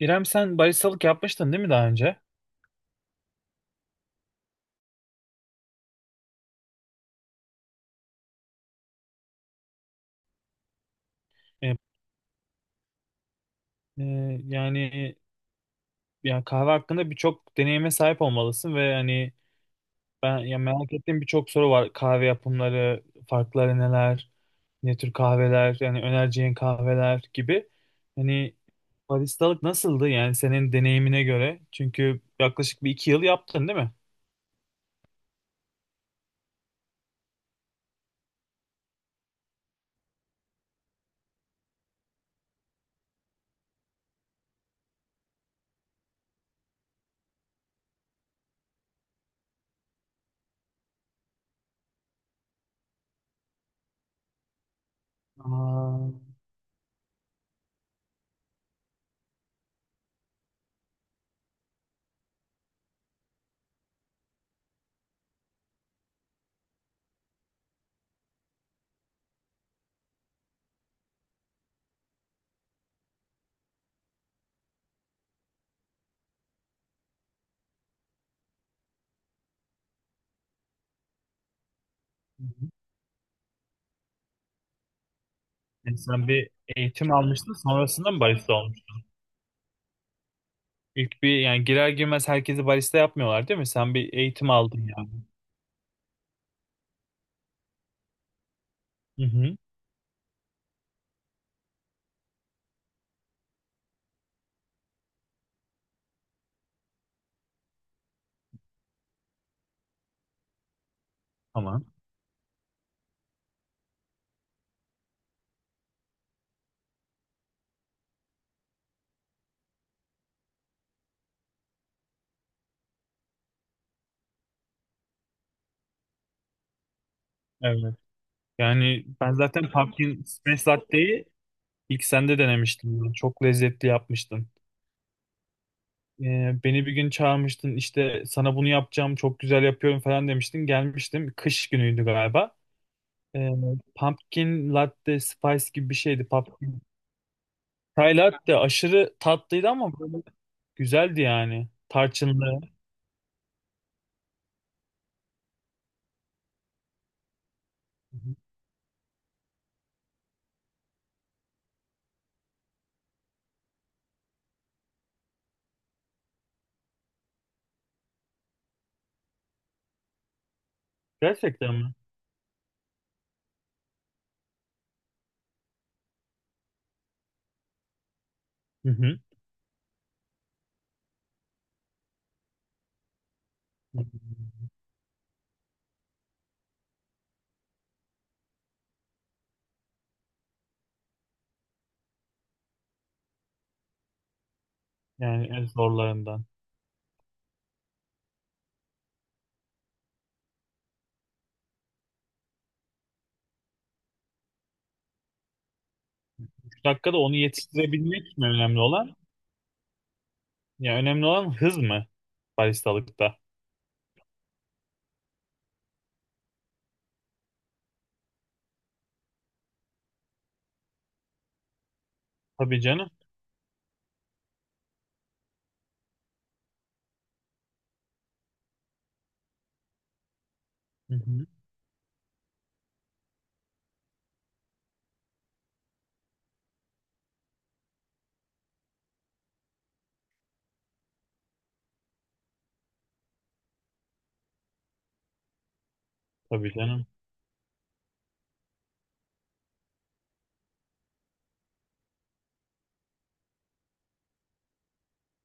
İrem, sen baristalık yapmıştın değil mi daha önce? E, e, yani Ya kahve hakkında birçok deneyime sahip olmalısın ve hani ben, ya, merak ettiğim birçok soru var. Kahve yapımları, farkları neler? Ne tür kahveler, yani önereceğin kahveler gibi. Hani baristalık nasıldı yani senin deneyimine göre? Çünkü yaklaşık bir iki yıl yaptın değil mi? Aa, yani sen bir eğitim almıştın sonrasında mı barista olmuş? İlk bir, yani girer girmez herkesi barista yapmıyorlar değil mi? Sen bir eğitim aldın yani. Hı hı. Tamam. Evet. Yani ben zaten pumpkin spice latte'yi İlk sen de denemiştin bunu. Çok lezzetli yapmıştın. Beni bir gün çağırmıştın, işte sana bunu yapacağım, çok güzel yapıyorum falan demiştin. Gelmiştim. Kış günüydü galiba. Ee, Pumpkin latte spice gibi bir şeydi. Pumpkin. Chai latte aşırı tatlıydı ama böyle güzeldi yani. Tarçınlı. Hı hı. Gerçekten mi? Hı hı. Yani en zorlarından. 3 dakikada onu yetiştirebilmek mi önemli olan? Ya önemli olan hız mı baristalıkta? Tabii canım. Hı hı. Tabii canım.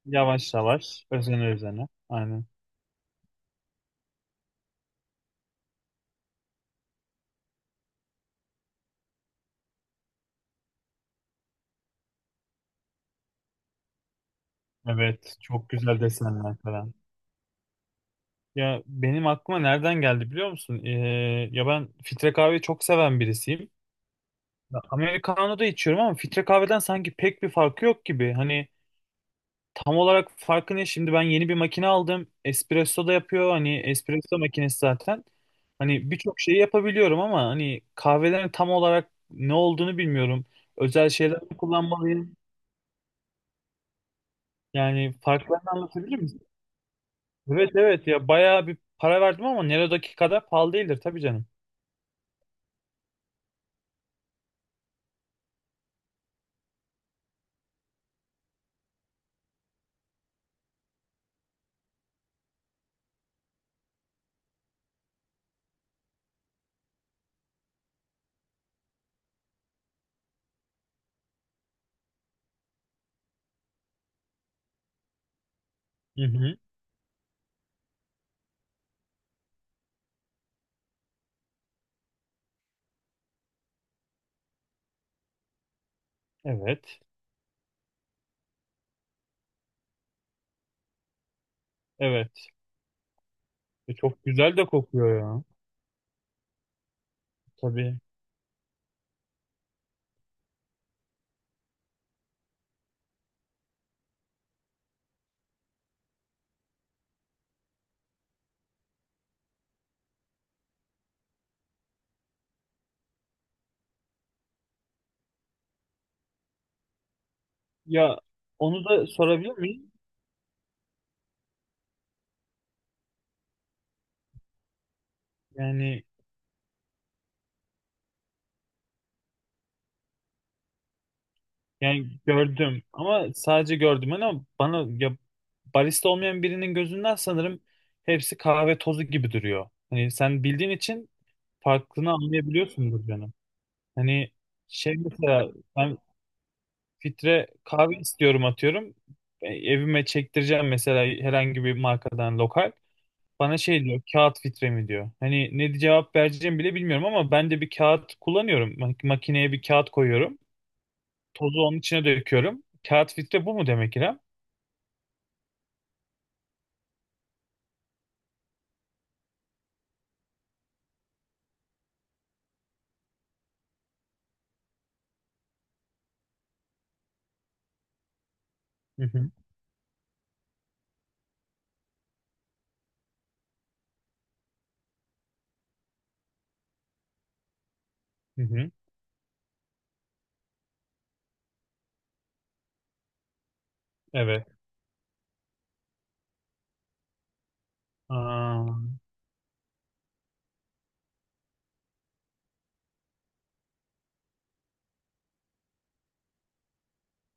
Yavaş yavaş, özene özene. Aynen. Evet, çok güzel desenler falan. Ya benim aklıma nereden geldi biliyor musun? Ya ben filtre kahveyi çok seven birisiyim. Ya, americano da içiyorum ama filtre kahveden sanki pek bir farkı yok gibi. Hani tam olarak farkı ne? Şimdi ben yeni bir makine aldım. Espresso da yapıyor. Hani espresso makinesi zaten. Hani birçok şeyi yapabiliyorum ama hani kahvelerin tam olarak ne olduğunu bilmiyorum. Özel şeyler mi kullanmalıyım? Yani farklarını anlatabilir misin? Evet, ya bayağı bir para verdim ama Nero'daki kadar pahalı değildir tabii canım. Hı hı. Evet. Evet. E, çok güzel de kokuyor ya. Tabii. Ya onu da sorabilir miyim? Yani, yani gördüm ama sadece gördüm ama bana, ya, barista olmayan birinin gözünden sanırım hepsi kahve tozu gibi duruyor. Hani sen bildiğin için farklını anlayabiliyorsundur canım. Hani şey mesela ben filtre kahve istiyorum atıyorum. E, evime çektireceğim mesela herhangi bir markadan lokal. Bana şey diyor, kağıt filtre mi diyor. Hani ne cevap vereceğimi bile bilmiyorum ama ben de bir kağıt kullanıyorum. Makineye bir kağıt koyuyorum. Tozu onun içine döküyorum. Kağıt filtre bu mu demek İrem? Hı hı. Hı hı. Evet. Aa,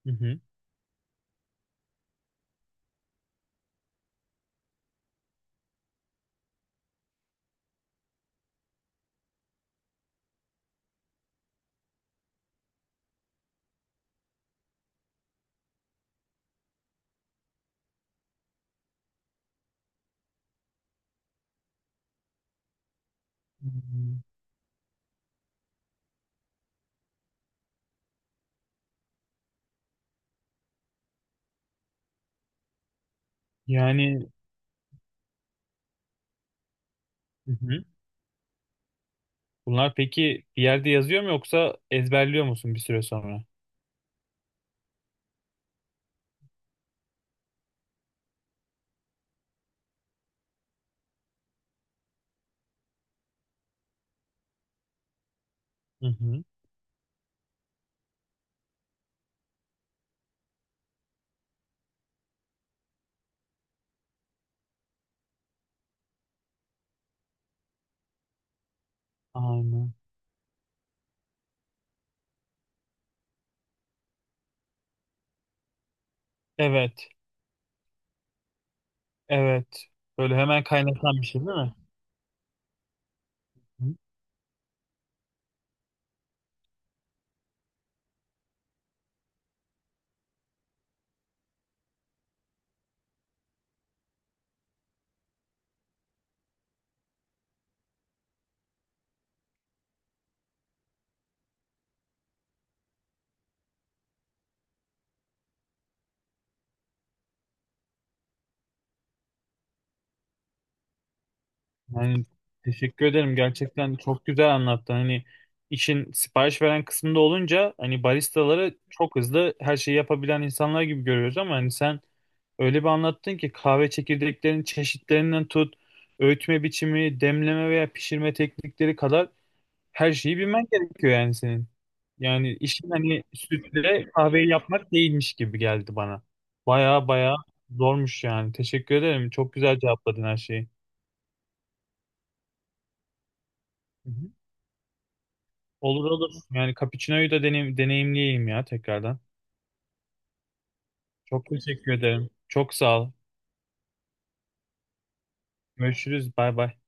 hı hı. Hmm, yani, hı hı. Bunlar peki bir yerde yazıyor mu yoksa ezberliyor musun bir süre sonra? Hı hı. Aynen. Evet. Evet. Böyle hemen kaynatan bir şey değil mi? Yani teşekkür ederim. Gerçekten çok güzel anlattın. Hani işin sipariş veren kısmında olunca hani baristaları çok hızlı her şeyi yapabilen insanlar gibi görüyoruz ama hani sen öyle bir anlattın ki kahve çekirdeklerinin çeşitlerinden tut, öğütme biçimi, demleme veya pişirme teknikleri kadar her şeyi bilmen gerekiyor yani senin. Yani işin hani sütle kahveyi yapmak değilmiş gibi geldi bana. Baya baya zormuş yani. Teşekkür ederim. Çok güzel cevapladın her şeyi. Hı hı. Olur olur. Yani cappuccino'yu da deneyimleyeyim ya tekrardan. Çok teşekkür ederim. Çok sağ ol. Görüşürüz. Bay bay.